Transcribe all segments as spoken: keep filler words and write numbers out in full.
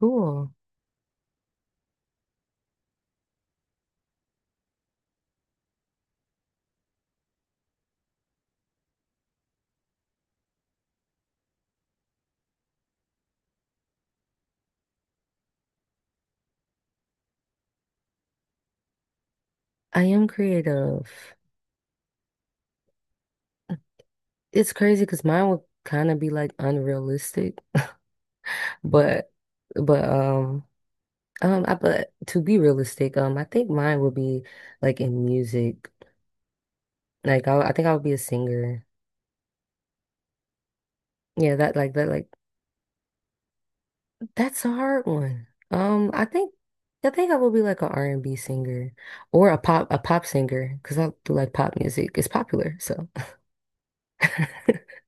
Cool. I am creative. It's crazy because mine would kind of be like unrealistic, but but um um I, but to be realistic, um I think mine would be like in music. Like I, I think I would be a singer. Yeah, that like that like that's a hard one. Um I think I think I will be like an R and B singer or a pop a pop singer because I do like pop music. It's popular, so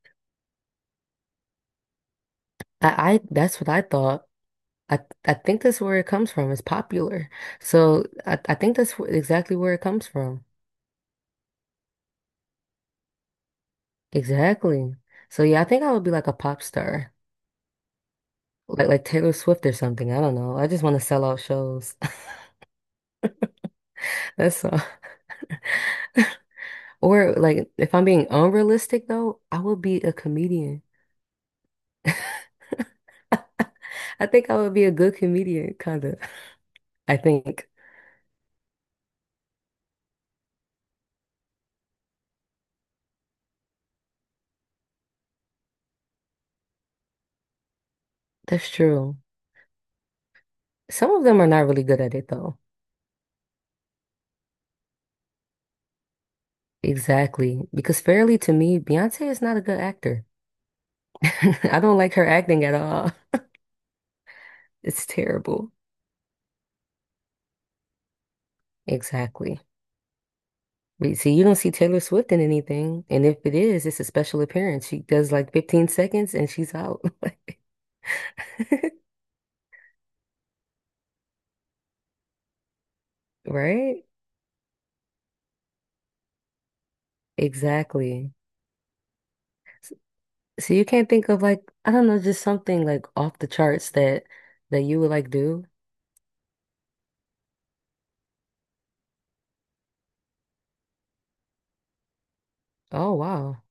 I, I that's what I thought. I I think that's where it comes from. It's popular. So I, I think that's wh- exactly where it comes from. Exactly. So yeah, I think I would be like a pop star. Like like Taylor Swift or something. I don't know. I just want to sell out shows. That's all. Or like if I'm being unrealistic though, I would be a comedian. I think I would be a good comedian, kind of. I think that's true. Some of them are not really good at it though. Exactly. Because fairly to me, Beyonce is not a good actor. I don't like her acting at all. It's terrible. Exactly. But see, you don't see Taylor Swift in anything. And if it is, it's a special appearance. She does like fifteen seconds and she's out. Right? Exactly. So you can't think of like, I don't know, just something like off the charts that that you would like do. Oh wow.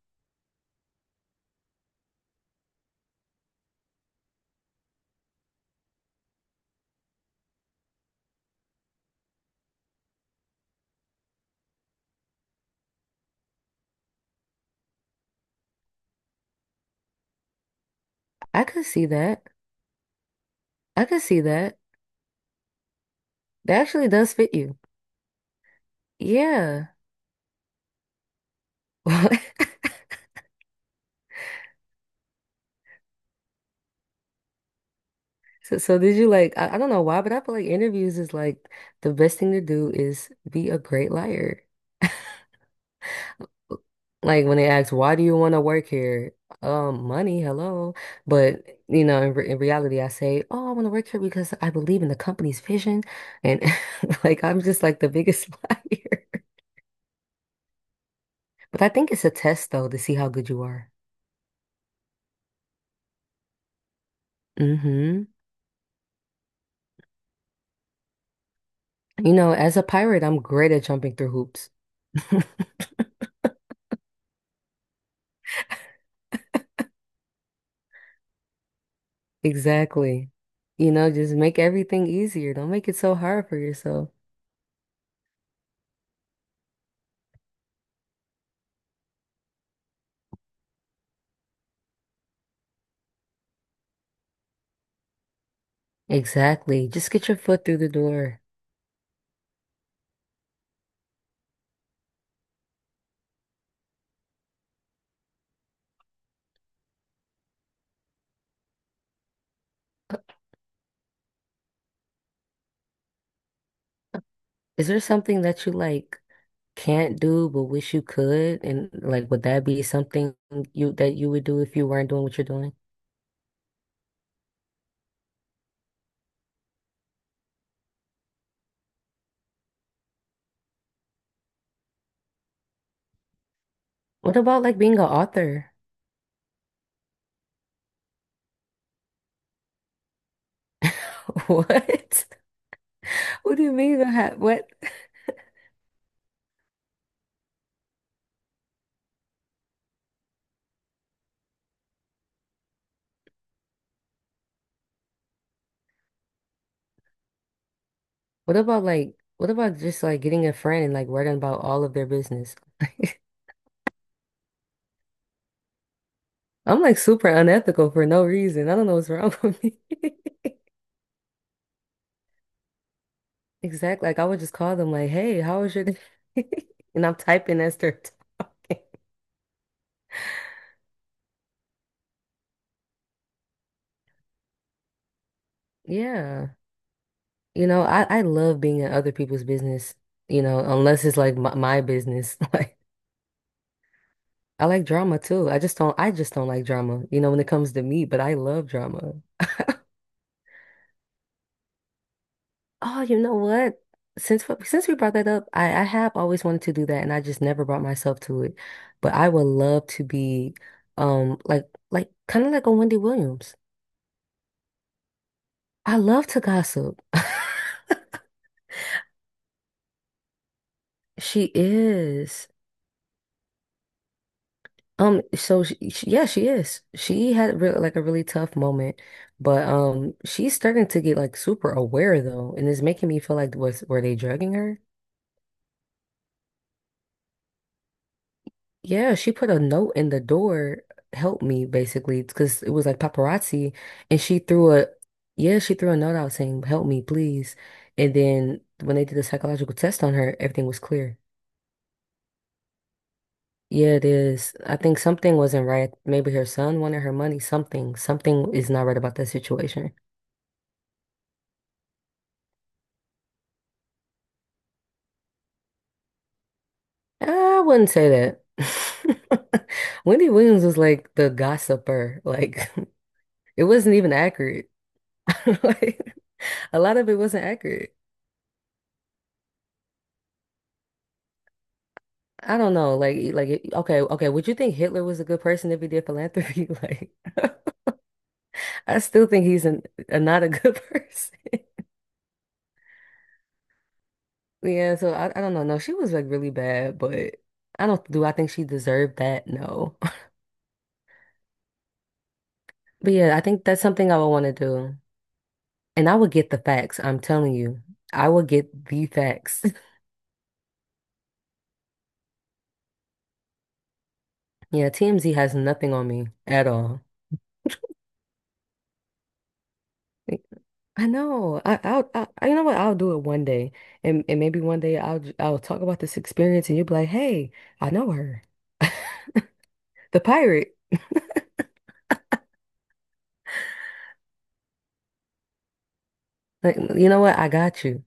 I could see that. I could see that. That actually does fit you. Yeah. So, so did you like, I, I don't know why, but I feel like interviews is like the best thing to do is be a great liar. Like when they ask, why do you want to work here? Um, money, hello. But, you know, in, re in reality, I say, oh, I want to work here because I believe in the company's vision. And like, I'm just like the biggest liar. But I think it's a test though to see how good you are. hmm You know, as a pirate, I'm great at jumping through hoops. Exactly. You know, just make everything easier. Don't make it so hard for yourself. Exactly. Just get your foot through the door. Is there something that you like can't do but wish you could? And like, would that be something you that you would do if you weren't doing what you're doing? What about like being an author? What? What do you mean? I ha What? What about like, what about just like getting a friend and like writing about all of their business? I'm like super unethical for no reason. I don't know what's wrong with me. Exactly. Like I would just call them like, "Hey, how was your day?" And I'm typing as they're talking. Yeah. You know, I, I love being in other people's business, you know, unless it's like my, my business. Like I like drama too. I just don't I just don't like drama, you know, when it comes to me, but I love drama. Oh, you know what? Since we- since we brought that up, I, I have always wanted to do that and I just never brought myself to it. But I would love to be um like like kind of like a Wendy Williams. I love to gossip. She is. Um, so she, she- yeah, she is. She had real, like a really tough moment, but um, she's starting to get like super aware though, and it's making me feel like was were they drugging her? Yeah, she put a note in the door, help me basically, because it was like paparazzi, and she threw a yeah, she threw a note out saying, "Help me, please." And then when they did the psychological test on her, everything was clear. Yeah, it is. I think something wasn't right. Maybe her son wanted her money. Something, something is not right about that situation. I wouldn't say that. Wendy Williams was like the gossiper. Like it wasn't even accurate. Like a lot of it wasn't accurate. I don't know. Like e- like it- okay, okay. Would you think Hitler was a good person if he did philanthropy? Like I still think he's an, a not a good person. Yeah, so I, I don't know. No, she was like really bad, but I don't do I think she deserved that? No. But yeah, I think that's something I would want to do. And I would get the facts, I'm telling you. I would get the facts. Yeah, T M Z has nothing on me at all. Like, I know. I, I'll, I, I- You know what? I'll do it one day, and and maybe one day I'll j- I'll talk about this experience, and you'll be like, "Hey, I know her, the pirate." Like, you know what? I got you.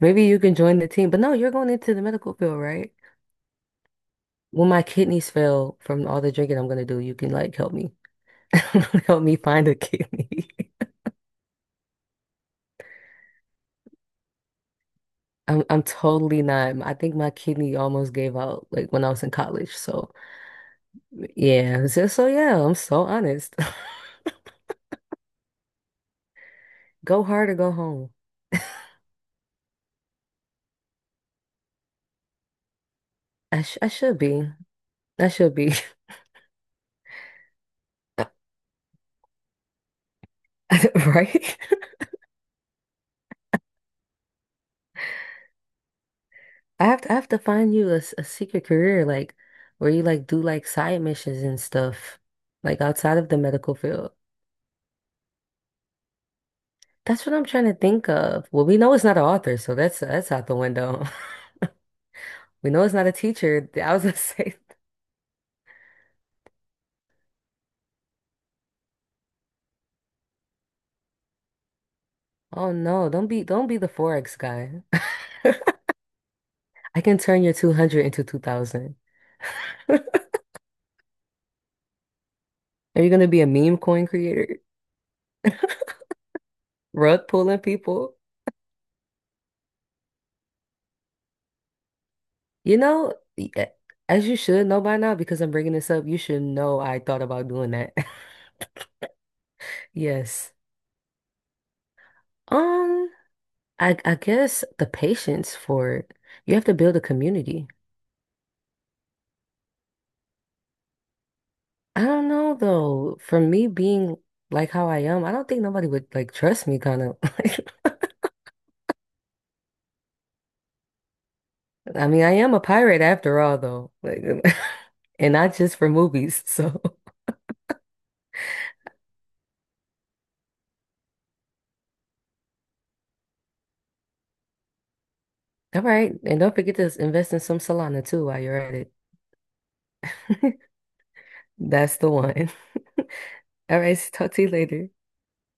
Maybe you can join the team. But no, you're going into the medical field, right? When my kidneys fail from all the drinking I'm gonna do, you can like help me, help me find a kidney. I'm I'm totally not. I think my kidney almost gave out like when I was in college. So yeah, so, so yeah, I'm so honest. Go hard or go home. I sh I should be. I should be. Right? I have to I have to find you a, s- a secret career like where you like do like side missions and stuff like outside of the medical field. That's what I'm trying to think of. Well, we know it's not an author, so that's that's out the window. We know it's not a teacher. I was gonna say, oh no, don't be don't be the Forex guy. I can turn your two hundred into two thousand. Are you gonna be a meme coin creator? Rug pulling people? You know, y- a- as you should know by now, because I'm bringing this up, you should know I thought about doing that. Yes. Um, I I guess the patience for it. You have to build a community. I don't know though. For me being like how I am, I don't think nobody would like trust me kind of. I mean, I am a pirate after all though. Like, and not just for movies. So, all right. And don't forget to invest in some Solana too while you're at it. That's the one. All right, talk to you later.